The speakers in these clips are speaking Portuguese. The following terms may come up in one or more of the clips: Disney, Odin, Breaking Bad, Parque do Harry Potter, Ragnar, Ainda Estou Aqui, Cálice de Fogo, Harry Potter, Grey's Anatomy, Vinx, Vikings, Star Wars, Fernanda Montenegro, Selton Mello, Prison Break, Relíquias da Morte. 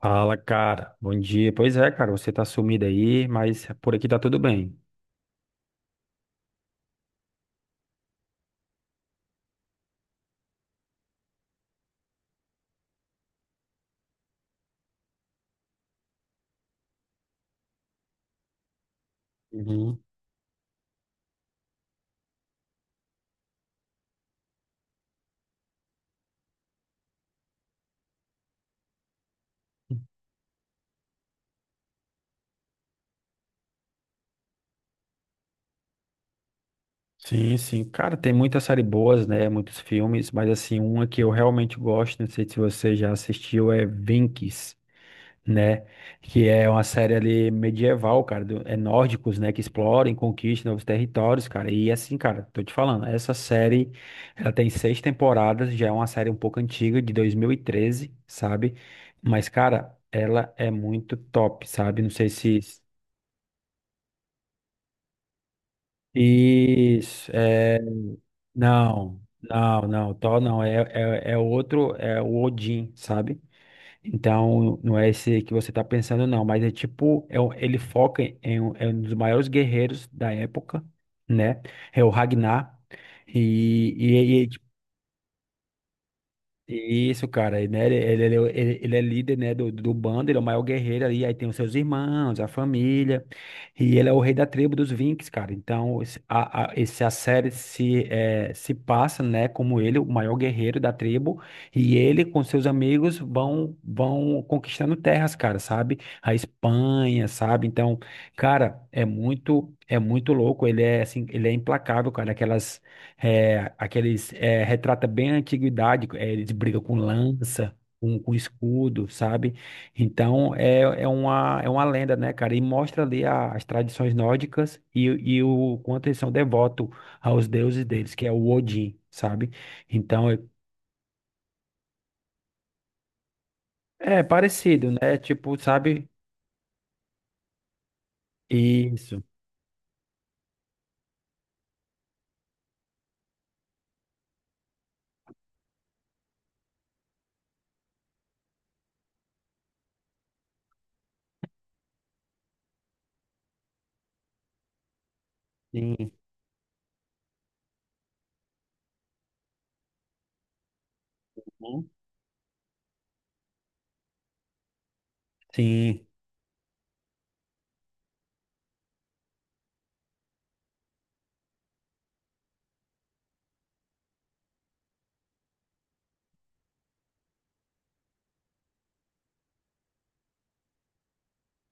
Fala, cara. Bom dia. Pois é, cara, você tá sumido aí, mas por aqui tá tudo bem. Uhum. Sim, sim. Cara, tem muitas séries boas, né? Muitos filmes, mas assim, uma que eu realmente gosto, não sei se você já assistiu, é Vinx, né? Que é uma série ali medieval, cara, é nórdicos, né, que exploram e conquistam novos territórios, cara. E assim, cara, tô te falando, essa série, ela tem seis temporadas, já é uma série um pouco antiga, de 2013, sabe? Mas, cara, ela é muito top, sabe? Não sei se... Isso, é... Não, não, não, Thor não, é outro, é o Odin, sabe? Então, não é esse que você está pensando, não, mas é tipo, ele foca em, um é um dos maiores guerreiros da época, né? É o Ragnar. E isso, cara, e, né? Ele é líder, né, do bando, ele é o maior guerreiro ali, aí tem os seus irmãos, a família, e ele é o rei da tribo dos Vinks, cara. Então, a série se passa, né, como ele, o maior guerreiro da tribo, e ele com seus amigos vão conquistando terras, cara, sabe? A Espanha, sabe? Então, cara, é muito louco, ele é, assim, ele é implacável, cara, aquelas é, aqueles é, retrata bem a antiguidade, eles brigam com lança, com escudo, sabe? Então é uma lenda, né, cara? E mostra ali as tradições nórdicas e o quanto eles são devotos aos deuses deles, que é o Odin, sabe? Então é parecido, né? Tipo, sabe? Isso. Sim. Uhum. Sim,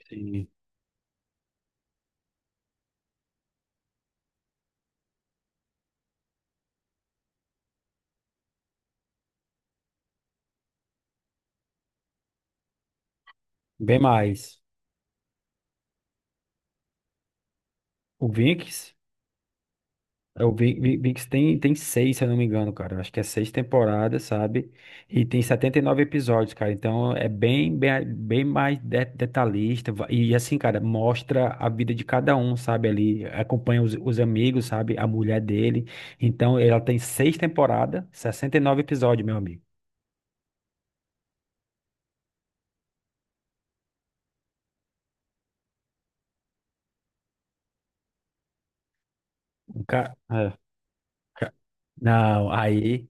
sim. Bem mais. O Vikings. VIX tem seis, se eu não me engano, cara. Eu acho que é seis temporadas, sabe? E tem 79 episódios, cara. Então é bem, bem, bem mais detalhista. E assim, cara, mostra a vida de cada um, sabe? Ali acompanha os amigos, sabe? A mulher dele. Então ela tem seis temporadas, 69 episódios, meu amigo. Um ca- é, ca- Não, aí.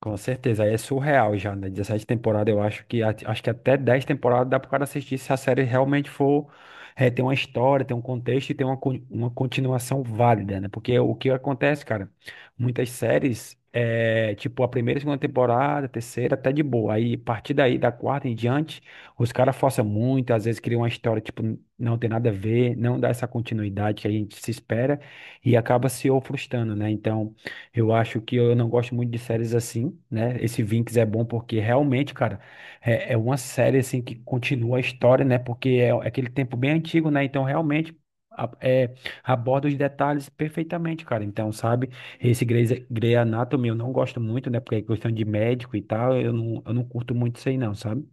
Com certeza, aí é surreal já, né? 17 temporadas, eu acho que acho que até 10 temporadas dá pro cara assistir se a série realmente for tem uma história, tem um contexto e tem uma continuação válida, né? Porque o que acontece, cara, muitas séries é tipo a primeira, segunda temporada, terceira, até de boa. Aí, a partir daí, da quarta em diante, os caras forçam muito, às vezes criam uma história, tipo, não tem nada a ver, não dá essa continuidade que a gente se espera e acaba se ou frustrando, né? Então. Eu acho que eu não gosto muito de séries assim, né? Esse Vinx é bom porque realmente, cara, é uma série assim que continua a história, né? Porque é aquele tempo bem antigo, né? Então realmente a- é, aborda os detalhes perfeitamente, cara. Então, sabe, esse Grey's, Grey Anatomy eu não gosto muito, né? Porque é questão de médico e tal, eu não curto muito isso aí não, sabe?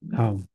Não.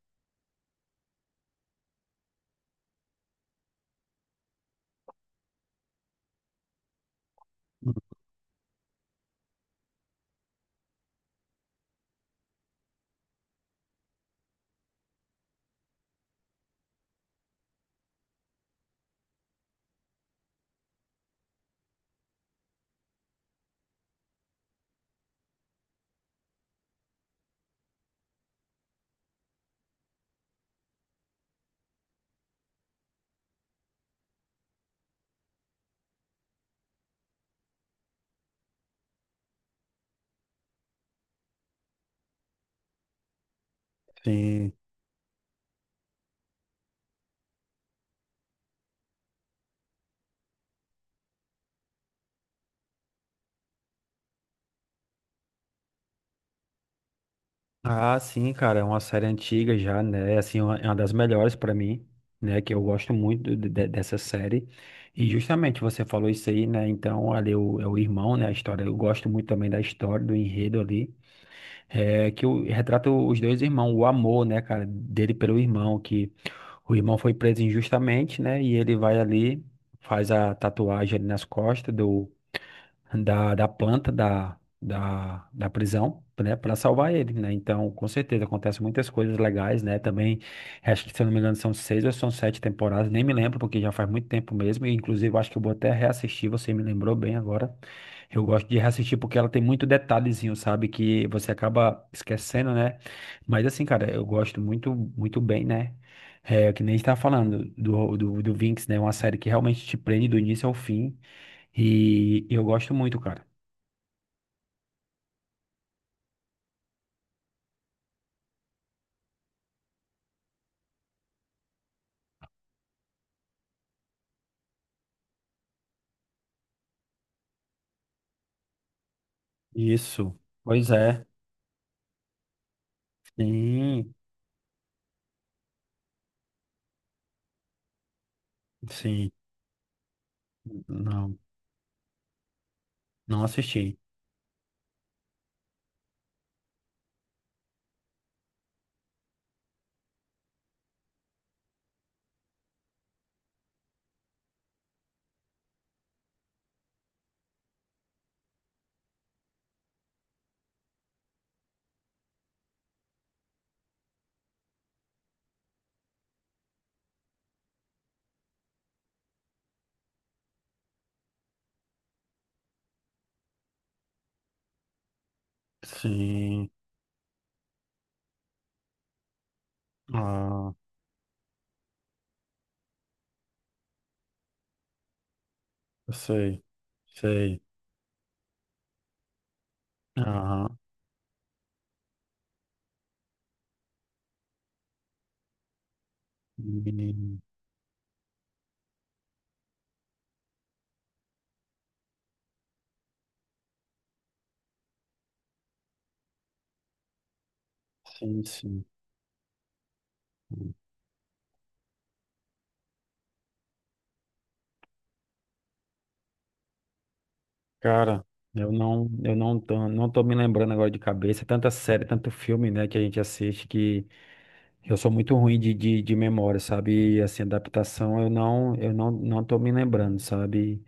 Sim. Ah, sim, cara, é uma série antiga já, né? Assim, é uma das melhores pra mim, né? Que eu gosto muito dessa série. E justamente você falou isso aí, né? Então, ali é o irmão, né? A história, eu gosto muito também da história, do enredo ali. É, que retrata os dois irmãos, o amor, né, cara, dele pelo irmão, que o irmão foi preso injustamente, né? E ele vai ali, faz a tatuagem ali nas costas da planta da prisão, né, para salvar ele, né? Então, com certeza, acontecem muitas coisas legais, né? Também, acho que, se eu não me engano, são seis ou são sete temporadas, nem me lembro, porque já faz muito tempo mesmo, e inclusive eu acho que eu vou até reassistir, você me lembrou bem agora. Eu gosto de reassistir porque ela tem muito detalhezinho, sabe? Que você acaba esquecendo, né? Mas assim, cara, eu gosto muito, muito bem, né? É, que nem está falando do Vinx, né? Uma série que realmente te prende do início ao fim. E eu gosto muito, cara. Isso. Pois é. Sim, sim. Não, não assisti. Sim. Ah, eu sei, sei. Aham. E- Sim, sim. Cara, eu não tô, me lembrando agora de cabeça. Tanta série, tanto filme, né, que a gente assiste. Eu sou muito ruim de memória, sabe? E, assim, adaptação eu não tô me lembrando, sabe?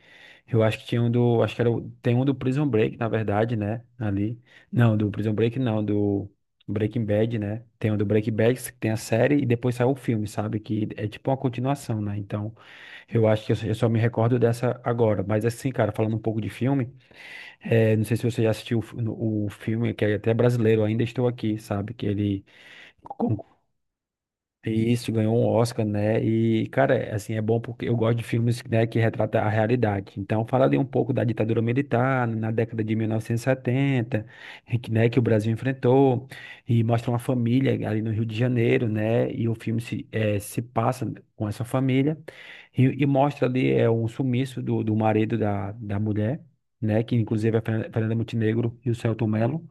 Eu acho que tinha um do, acho que era, tem um do Prison Break, na verdade, né? Ali. Não, do Prison Break não, do Breaking Bad, né? Tem um do Breaking Bad, que tem a série e depois saiu o filme, sabe? Que é tipo uma continuação, né? Então, eu acho que eu só me recordo dessa agora. Mas assim, cara, falando um pouco de filme, não sei se você já assistiu o filme, que é até brasileiro, Ainda Estou Aqui, sabe? Que ele Isso, ganhou um Oscar, né? E, cara, assim, é bom porque eu gosto de filmes, né, que retratam a realidade. Então, fala ali um pouco da ditadura militar na década de 1970, em que, né, que o Brasil enfrentou, e mostra uma família ali no Rio de Janeiro, né? E o filme se passa com essa família e mostra ali um sumiço do marido da mulher, né? Que inclusive é a Fernanda Montenegro e o Selton Mello.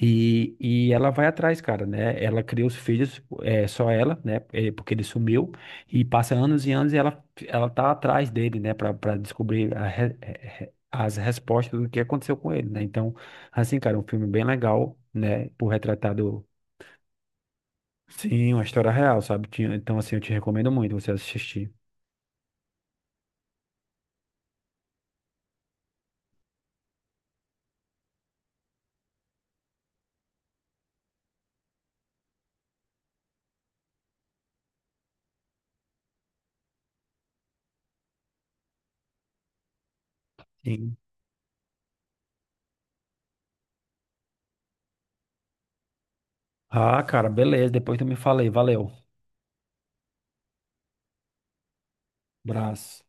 E ela vai atrás, cara, né? Ela cria os filhos, é, só ela, né? É, porque ele sumiu e passa anos e anos e ela tá atrás dele, né? Pra descobrir as respostas do que aconteceu com ele, né? Então, assim, cara, um filme bem legal, né? Por retratar do Sim, uma história real, sabe? Então, assim, eu te recomendo muito você assistir. Sim. Ah, cara, beleza. Depois tu me fala aí. Valeu. Abraço.